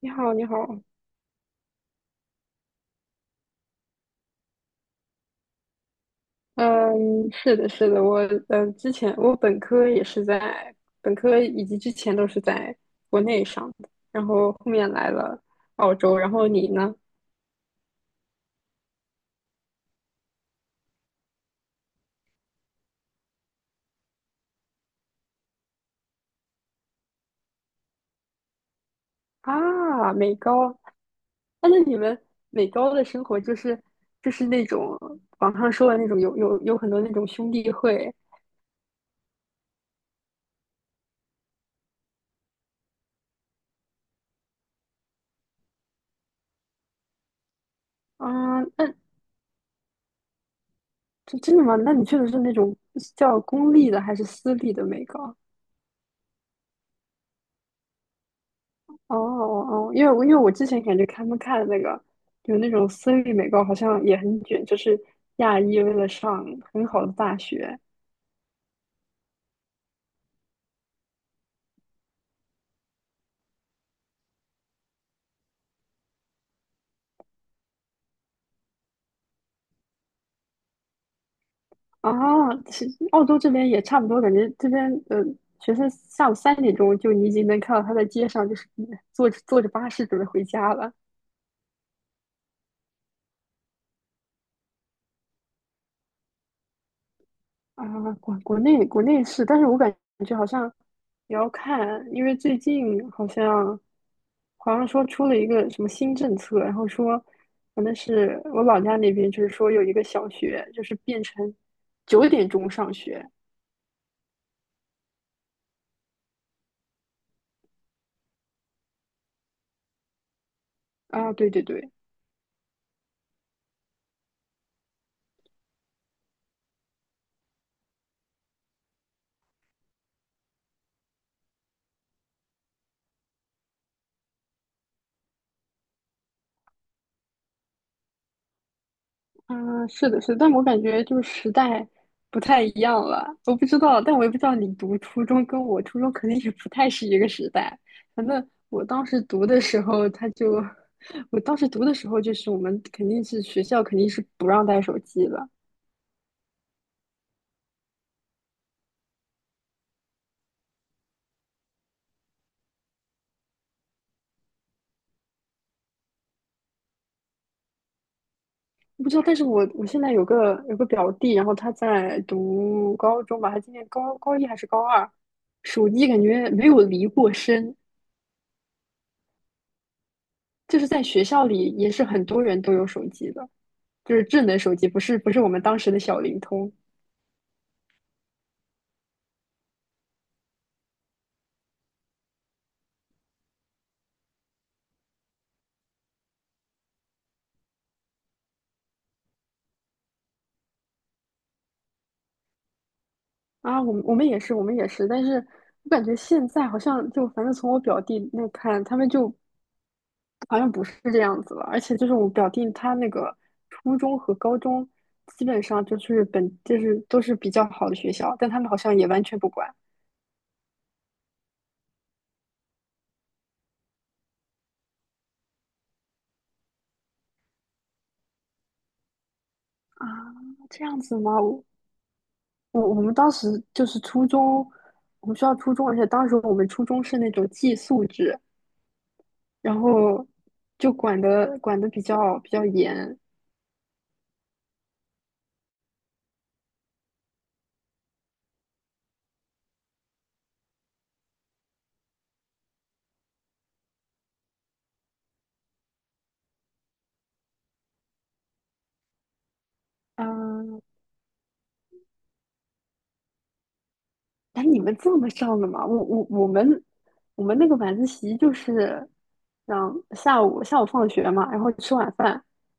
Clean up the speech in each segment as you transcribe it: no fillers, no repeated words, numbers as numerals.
你好，你好。嗯，是的，是的，之前我本科也是在本科以及之前都是在国内上的，然后后面来了澳洲，然后你呢？啊，美高，啊，那你们美高的生活就是那种网上说的那种有很多那种兄弟会。啊，那这真的吗？那你去的是那种叫公立的还是私立的美高？哦哦，哦因为我之前感觉他们看的那个有那种私立美高，好像也很卷，就是亚裔为了上很好的大学。啊，其实澳洲这边也差不多，感觉这边学生下午3点钟就你已经能看到他在街上就是坐着坐着巴士准备回家了。啊，国内是，但是我感觉好像也要看，因为最近好像说出了一个什么新政策，然后说，反正是我老家那边，就是说有一个小学，就是变成九点钟上学。啊，对对对。嗯，是的，是的，但我感觉就是时代不太一样了，我不知道，但我也不知道你读初中跟我初中肯定也不太是一个时代。反正我当时读的时候，他就，我当时读的时候，就是我们肯定是学校肯定是不让带手机了。我不知道，但是我现在有个表弟，然后他在读高中吧，他今年高一还是高二，手机感觉没有离过身，就是在学校里也是很多人都有手机的，就是智能手机，不是我们当时的小灵通。啊，我们也是，但是我感觉现在好像就反正从我表弟那看，他们就好像不是这样子了，而且就是我表弟他那个初中和高中，基本上就是本就是都是比较好的学校，但他们好像也完全不管。啊，这样子吗？我们当时就是初中，我们学校初中，而且当时我们初中是那种寄宿制，然后就管的比较严。嗯、哎，你们这么上的吗？我们那个晚自习就是让下午放学嘛，然后吃晚饭，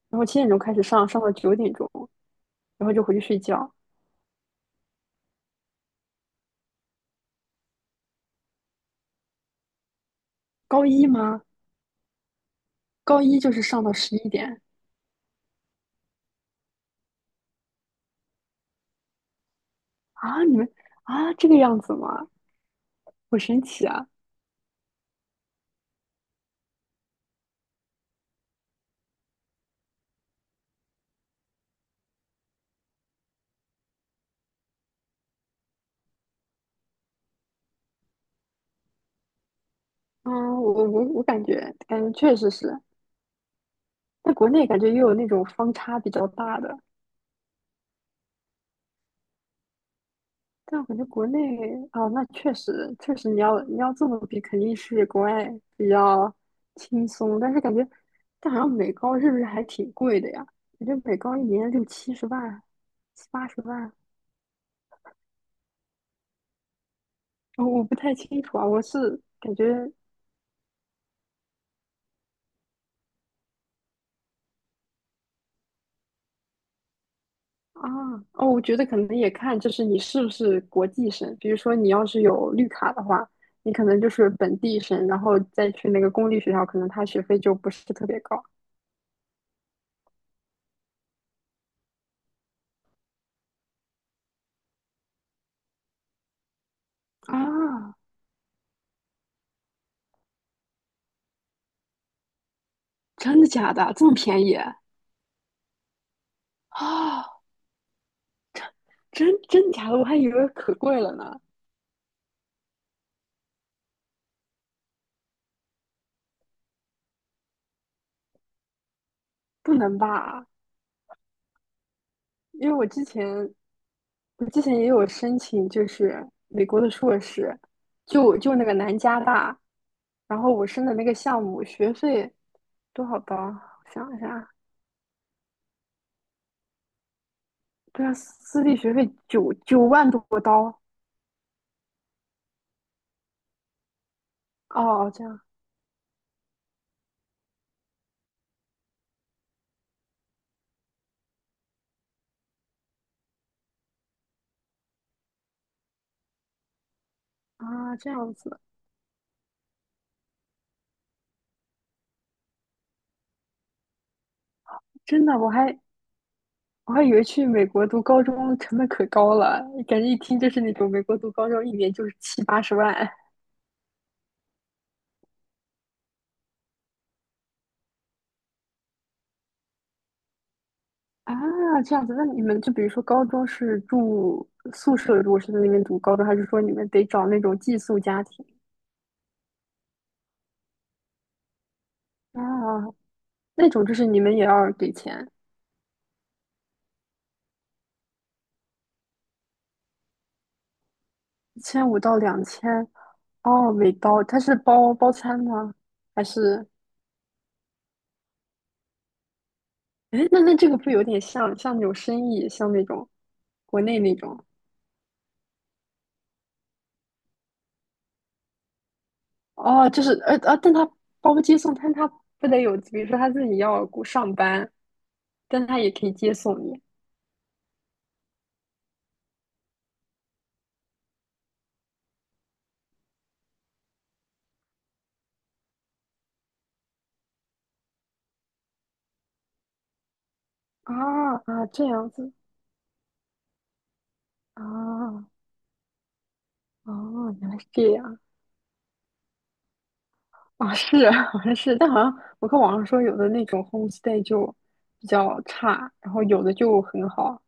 然后7点钟开始上，上到九点钟，然后就回去睡觉。高一吗？高一就是上到11点。啊？你们啊这个样子吗？好神奇啊！嗯，我感觉确实是，在国内感觉也有那种方差比较大的，但我感觉国内。啊，那确实确实，你要这么比，肯定是国外比较轻松。但是感觉，但好像美高是不是还挺贵的呀？我觉得美高一年六七十万、七八十万。哦，我不太清楚啊。我是感觉啊。哦，我觉得可能也看就是你是不是国际生。比如说你要是有绿卡的话，你可能就是本地生，然后再去那个公立学校，可能他学费就不是特别高。啊。真的假的？这么便宜？啊，真假的？我还以为可贵了呢，不能吧？因为我之前也有申请，就是美国的硕士，就那个南加大，然后我申的那个项目学费多少刀？我想一下。对啊，私立学费九万多刀。哦，这样啊，这样子。真的，我还以为去美国读高中成本可高了，感觉一听就是那种美国读高中一年就是七八十万。啊，这样子。那你们就比如说高中是住宿舍，如果是在那边读高中，还是说你们得找那种寄宿家庭啊？那种就是你们也要给钱，1500到2000。哦，每包，它是包餐吗？还是，哎，那这个不有点像那种生意，像那种国内那种。哦，就是但他包接送，但他不得有，比如说他自己要上班，但他也可以接送你。啊啊，这样子。啊哦，原来是这样啊！是啊，好像是，但好像我看网上说有的那种 homestay 就比较差，然后有的就很好。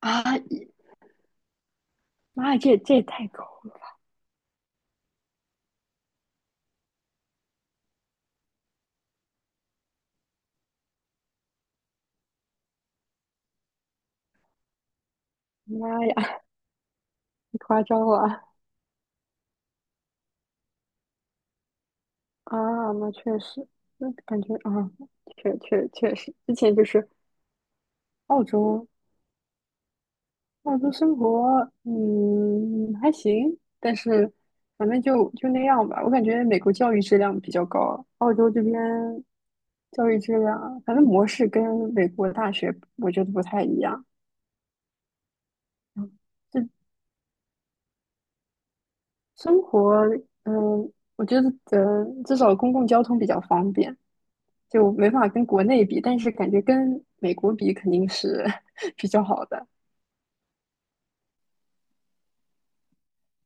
啊！妈呀，这也太高了！妈呀，太夸张了。啊！那确实，那感觉啊，确实，之前就是澳洲澳洲生活，还行，但是反正就那样吧。我感觉美国教育质量比较高，澳洲这边教育质量，反正模式跟美国大学我觉得不太一样。嗯，这生活，嗯，我觉得至少公共交通比较方便，就没法跟国内比，但是感觉跟美国比肯定是 比较好的。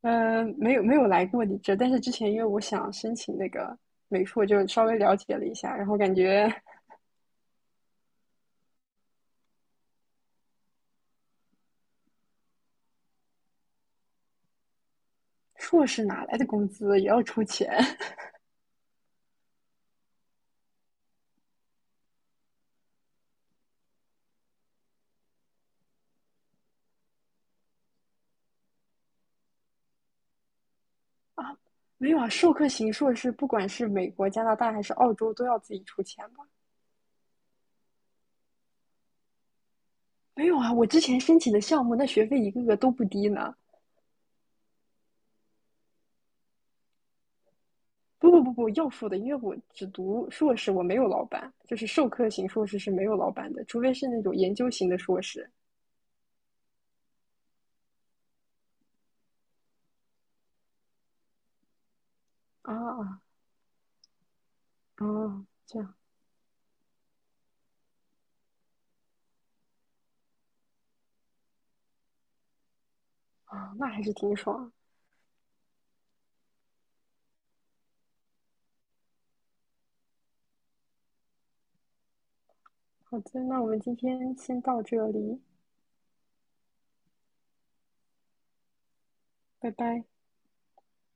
嗯，没有没有来过你这，但是之前因为我想申请那个美术，就稍微了解了一下，然后感觉。硕士哪来的工资也要出钱。 啊？没有啊，授课型硕士不管是美国、加拿大还是澳洲都要自己出钱吧？没有啊，我之前申请的项目那学费一个个都不低呢。不不不不，要付的，因为我只读硕士，我没有老板，就是授课型硕士是没有老板的，除非是那种研究型的硕士。啊啊，啊这样啊，那还是挺爽。好的，那我们今天先到这里，拜拜。